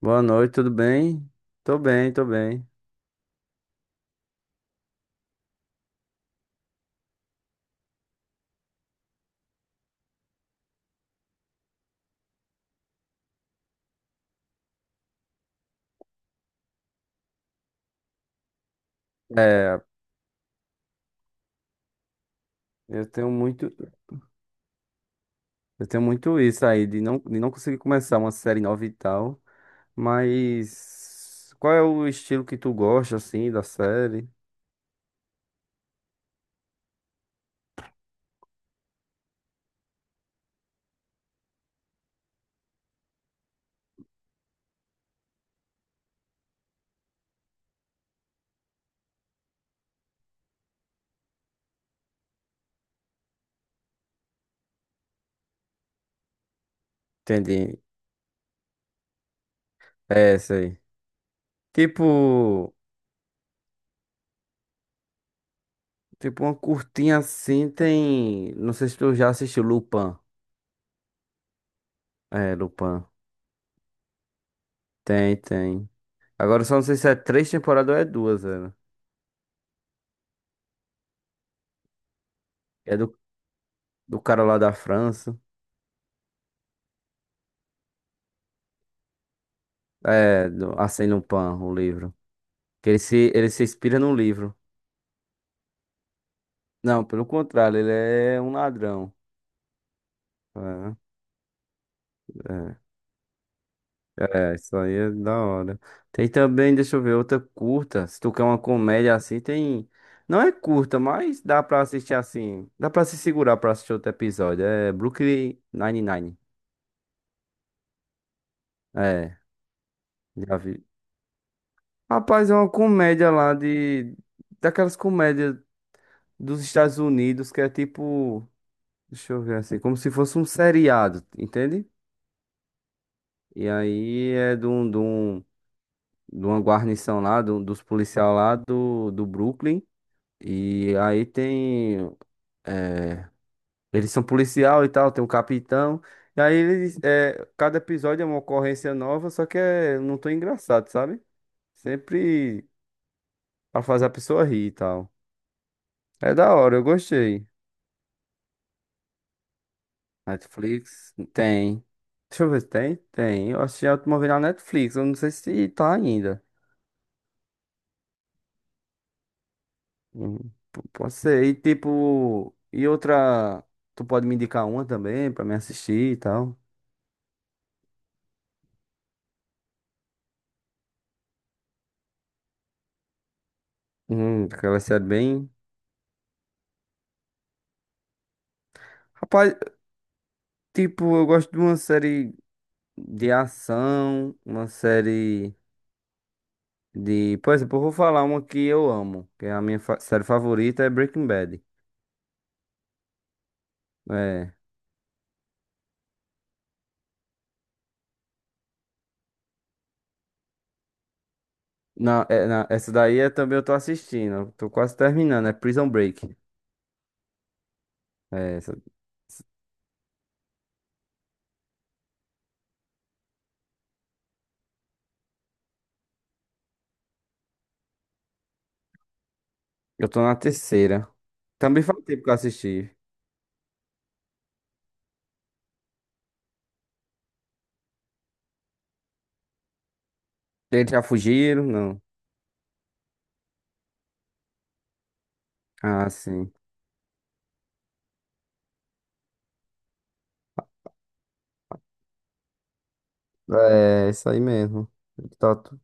Boa noite, tudo bem? Tô bem, tô bem. É, eu tenho muito, eu tenho muito isso aí de não conseguir começar uma série nova e tal, mas qual é o estilo que tu gosta assim da série? Entendi. É essa aí. Tipo, tipo, uma curtinha assim tem, não sei se tu já assistiu Lupin. É, Lupin. Tem, tem. Agora eu só não sei se é três temporadas ou é duas, velho. É do cara lá da França. É, do Arsène Lupin, o livro. Que ele se inspira num livro. Não, pelo contrário, ele é um ladrão. É, é, é, isso aí é da hora. Tem também, deixa eu ver, outra curta. Se tu quer uma comédia assim, tem. Não é curta, mas dá pra assistir assim. Dá pra se segurar pra assistir outro episódio. É Brooklyn Nine-Nine. É, já vi. Rapaz, é uma comédia lá de. Daquelas comédias dos Estados Unidos que é tipo. Deixa eu ver assim, como se fosse um seriado, entende? E aí é de uma guarnição lá, dos policiais lá do Brooklyn. E aí tem. eh, Eles são policial e tal, tem um capitão. E aí eles. Cada episódio é uma ocorrência nova, só que é, não tão engraçado, sabe? Sempre pra fazer a pessoa rir e tal. É da hora, eu gostei. Netflix? Tem. Deixa eu ver se tem. Tem. Eu assisti a última vez na Netflix. Eu não sei se tá ainda. Hum, Pode ser. E tipo, e outra, tu pode me indicar uma também pra me assistir e tal. Aquela série bem. Rapaz, tipo, eu gosto de uma série de ação, uma série de. Por exemplo, eu vou falar uma que eu amo, que é a minha série favorita é Breaking Bad. É. Essa daí é também eu tô assistindo, eu tô quase terminando, é Prison Break. É, eu tô na terceira. Também faz tempo que eu assisti. Eles já fugiram? Não. Ah, sim. É, isso aí mesmo. Tá tu-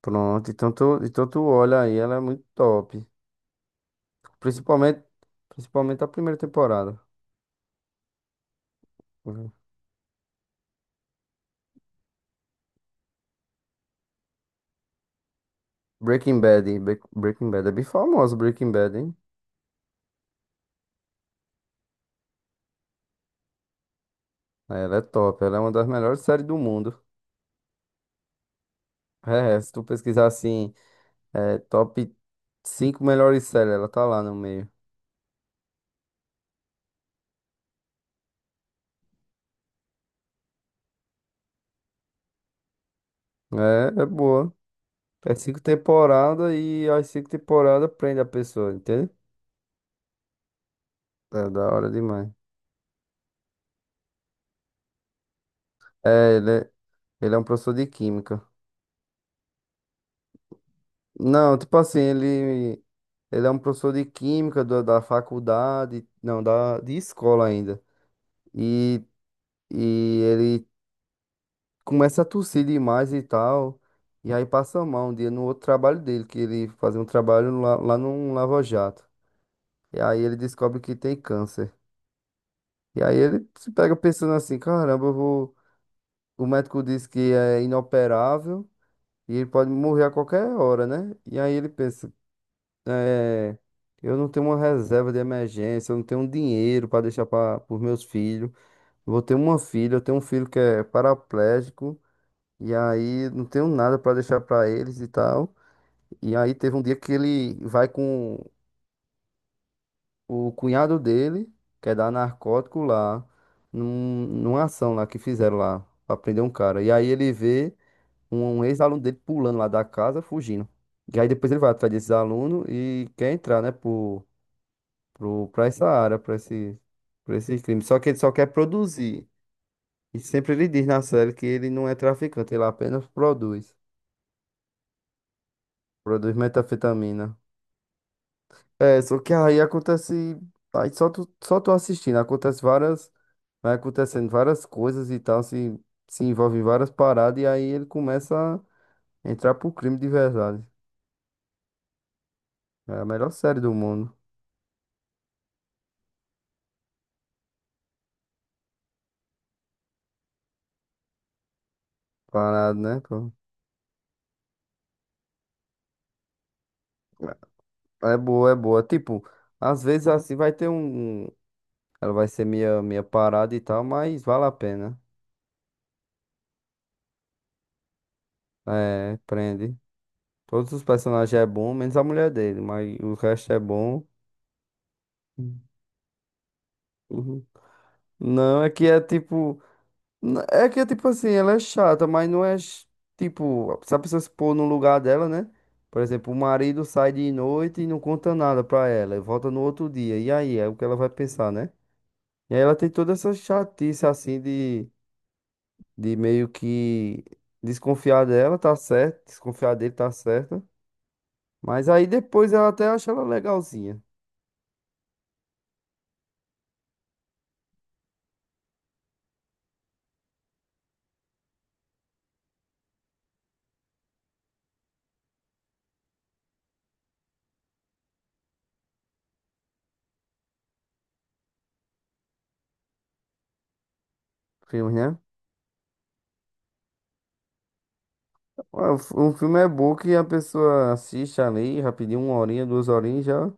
pronto. Então tu olha aí, ela é muito top. Principalmente, principalmente, a primeira temporada. Uhum. Breaking Bad, hein? Breaking Bad. É bem famoso Breaking Bad, hein? É, ela é top, ela é uma das melhores séries do mundo. É, é, se tu pesquisar assim, é, top 5 melhores séries, ela tá lá no meio. É, é boa. É cinco temporadas e as cinco temporadas prende a pessoa, entende? É da hora demais. É, ele é um professor de química. Não, tipo assim, ele é um professor de química do da faculdade, não, da, de escola ainda. E, e ele começa a tossir demais e tal. E aí passa mal um dia no outro trabalho dele, que ele fazia um trabalho lá num lava-jato. E aí ele descobre que tem câncer. E aí ele se pega pensando assim, caramba, eu vou... O médico disse que é inoperável e ele pode morrer a qualquer hora, né? E aí ele pensa. É, eu não tenho uma reserva de emergência, eu não tenho um dinheiro para deixar para os meus filhos. Eu vou ter uma filha, eu tenho um filho que é paraplégico, e aí não tenho nada para deixar para eles e tal. E aí teve um dia que ele vai com o cunhado dele, que é dar narcótico lá, numa ação lá que fizeram lá, para prender um cara. E aí ele vê um ex-aluno dele pulando lá da casa, fugindo. E aí depois ele vai atrás desses alunos e quer entrar, né, pra essa área, pra esses crimes. Só que ele só quer produzir. E sempre ele diz na série que ele não é traficante, ele apenas produz. Produz metanfetamina. É, só que aí acontece. Aí só tu assistindo, acontece várias. Vai acontecendo várias coisas e tal, se envolve em várias paradas, e aí ele começa a entrar pro crime de verdade. É a melhor série do mundo. Parado, né? Pô? É é boa, é boa. Tipo, às vezes assim vai ter um, ela vai ser meia parada e tal, mas vale a pena. É, prende. Todos os personagens é bom, menos a mulher dele, mas o resto é bom. Uhum. Não, é que é tipo. É que é tipo assim, ela é chata, mas não é tipo. Se a pessoa se pôr no lugar dela, né? Por exemplo, o marido sai de noite e não conta nada pra ela, e volta no outro dia. E aí? É o que ela vai pensar, né? E aí ela tem toda essa chatice assim de. Meio que desconfiar dela, tá certo, desconfiar dele, tá certo. Mas aí depois ela até acha ela legalzinha. Filme, né? Ué, um filme é bom que a pessoa assiste ali rapidinho, uma horinha, duas horinhas já.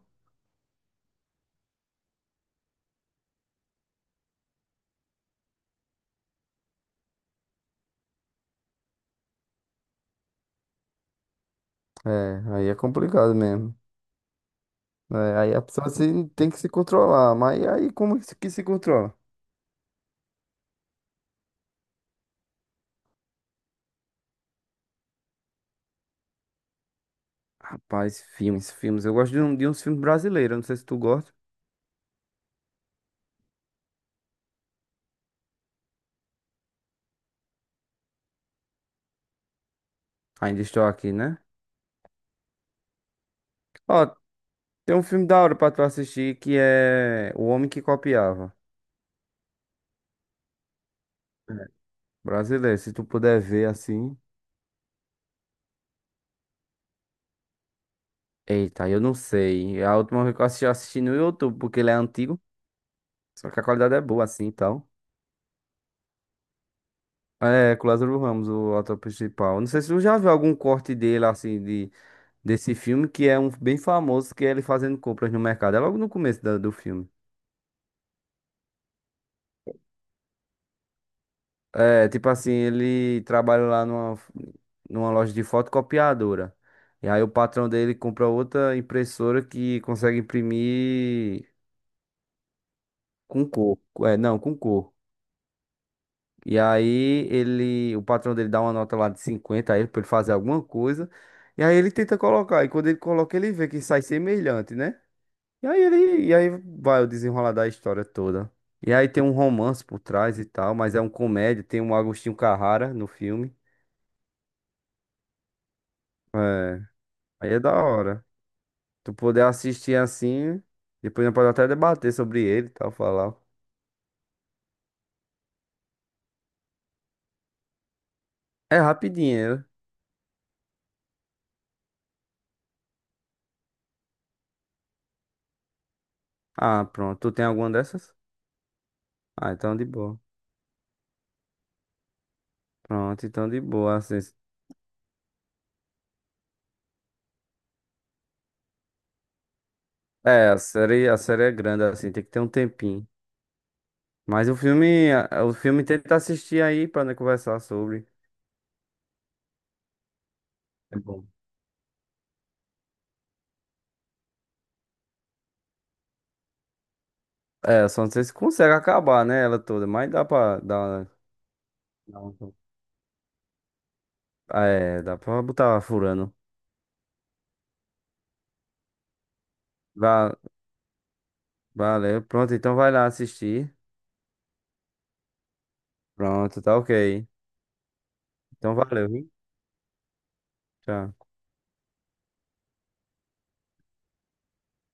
É, aí é complicado mesmo. É, aí a pessoa tem que se controlar. Mas aí como que se controla? Rapaz, filmes, filmes. Eu gosto de uns filmes brasileiros, não sei se tu gosta. Ainda estou aqui, né? Ó, tem um filme da hora pra tu assistir que é O Homem que Copiava. Brasileiro, se tu puder ver assim. Eita, eu não sei. A última vez que eu assisti no YouTube, porque ele é antigo. Só que a qualidade é boa assim e tal. É, com o Lázaro Ramos, o ator principal. Não sei se tu já viu algum corte dele, assim, desse filme, que é um bem famoso, que é ele fazendo compras no mercado. É logo no começo do filme. É, tipo assim, ele trabalha lá numa loja de fotocopiadora. E aí o patrão dele compra outra impressora que consegue imprimir com cor. É, não, com cor. E aí ele, o patrão dele dá uma nota lá de 50 a ele pra ele fazer alguma coisa. E aí ele tenta colocar. E quando ele coloca, ele vê que sai semelhante, né? E aí vai o desenrolar da história toda. E aí tem um romance por trás e tal, mas é um comédia, tem um Agostinho Carrara no filme. É, aí é da hora. Tu poder assistir assim, depois nós pode até debater sobre ele e tal, falar. É rapidinho, né? Ah, pronto. Tu tem alguma dessas? Ah, então de boa. Pronto, então de boa. Assim, é, a série é grande, assim, tem que ter um tempinho. Mas o filme, o filme tenta assistir aí pra, né, conversar sobre. É bom. É, só não sei se consegue acabar, né, ela toda, mas dá pra, dar, não, não. É, dá pra botar furando. Va- Valeu, pronto, então vai lá assistir. Pronto, tá ok. Então valeu, viu? Tchau.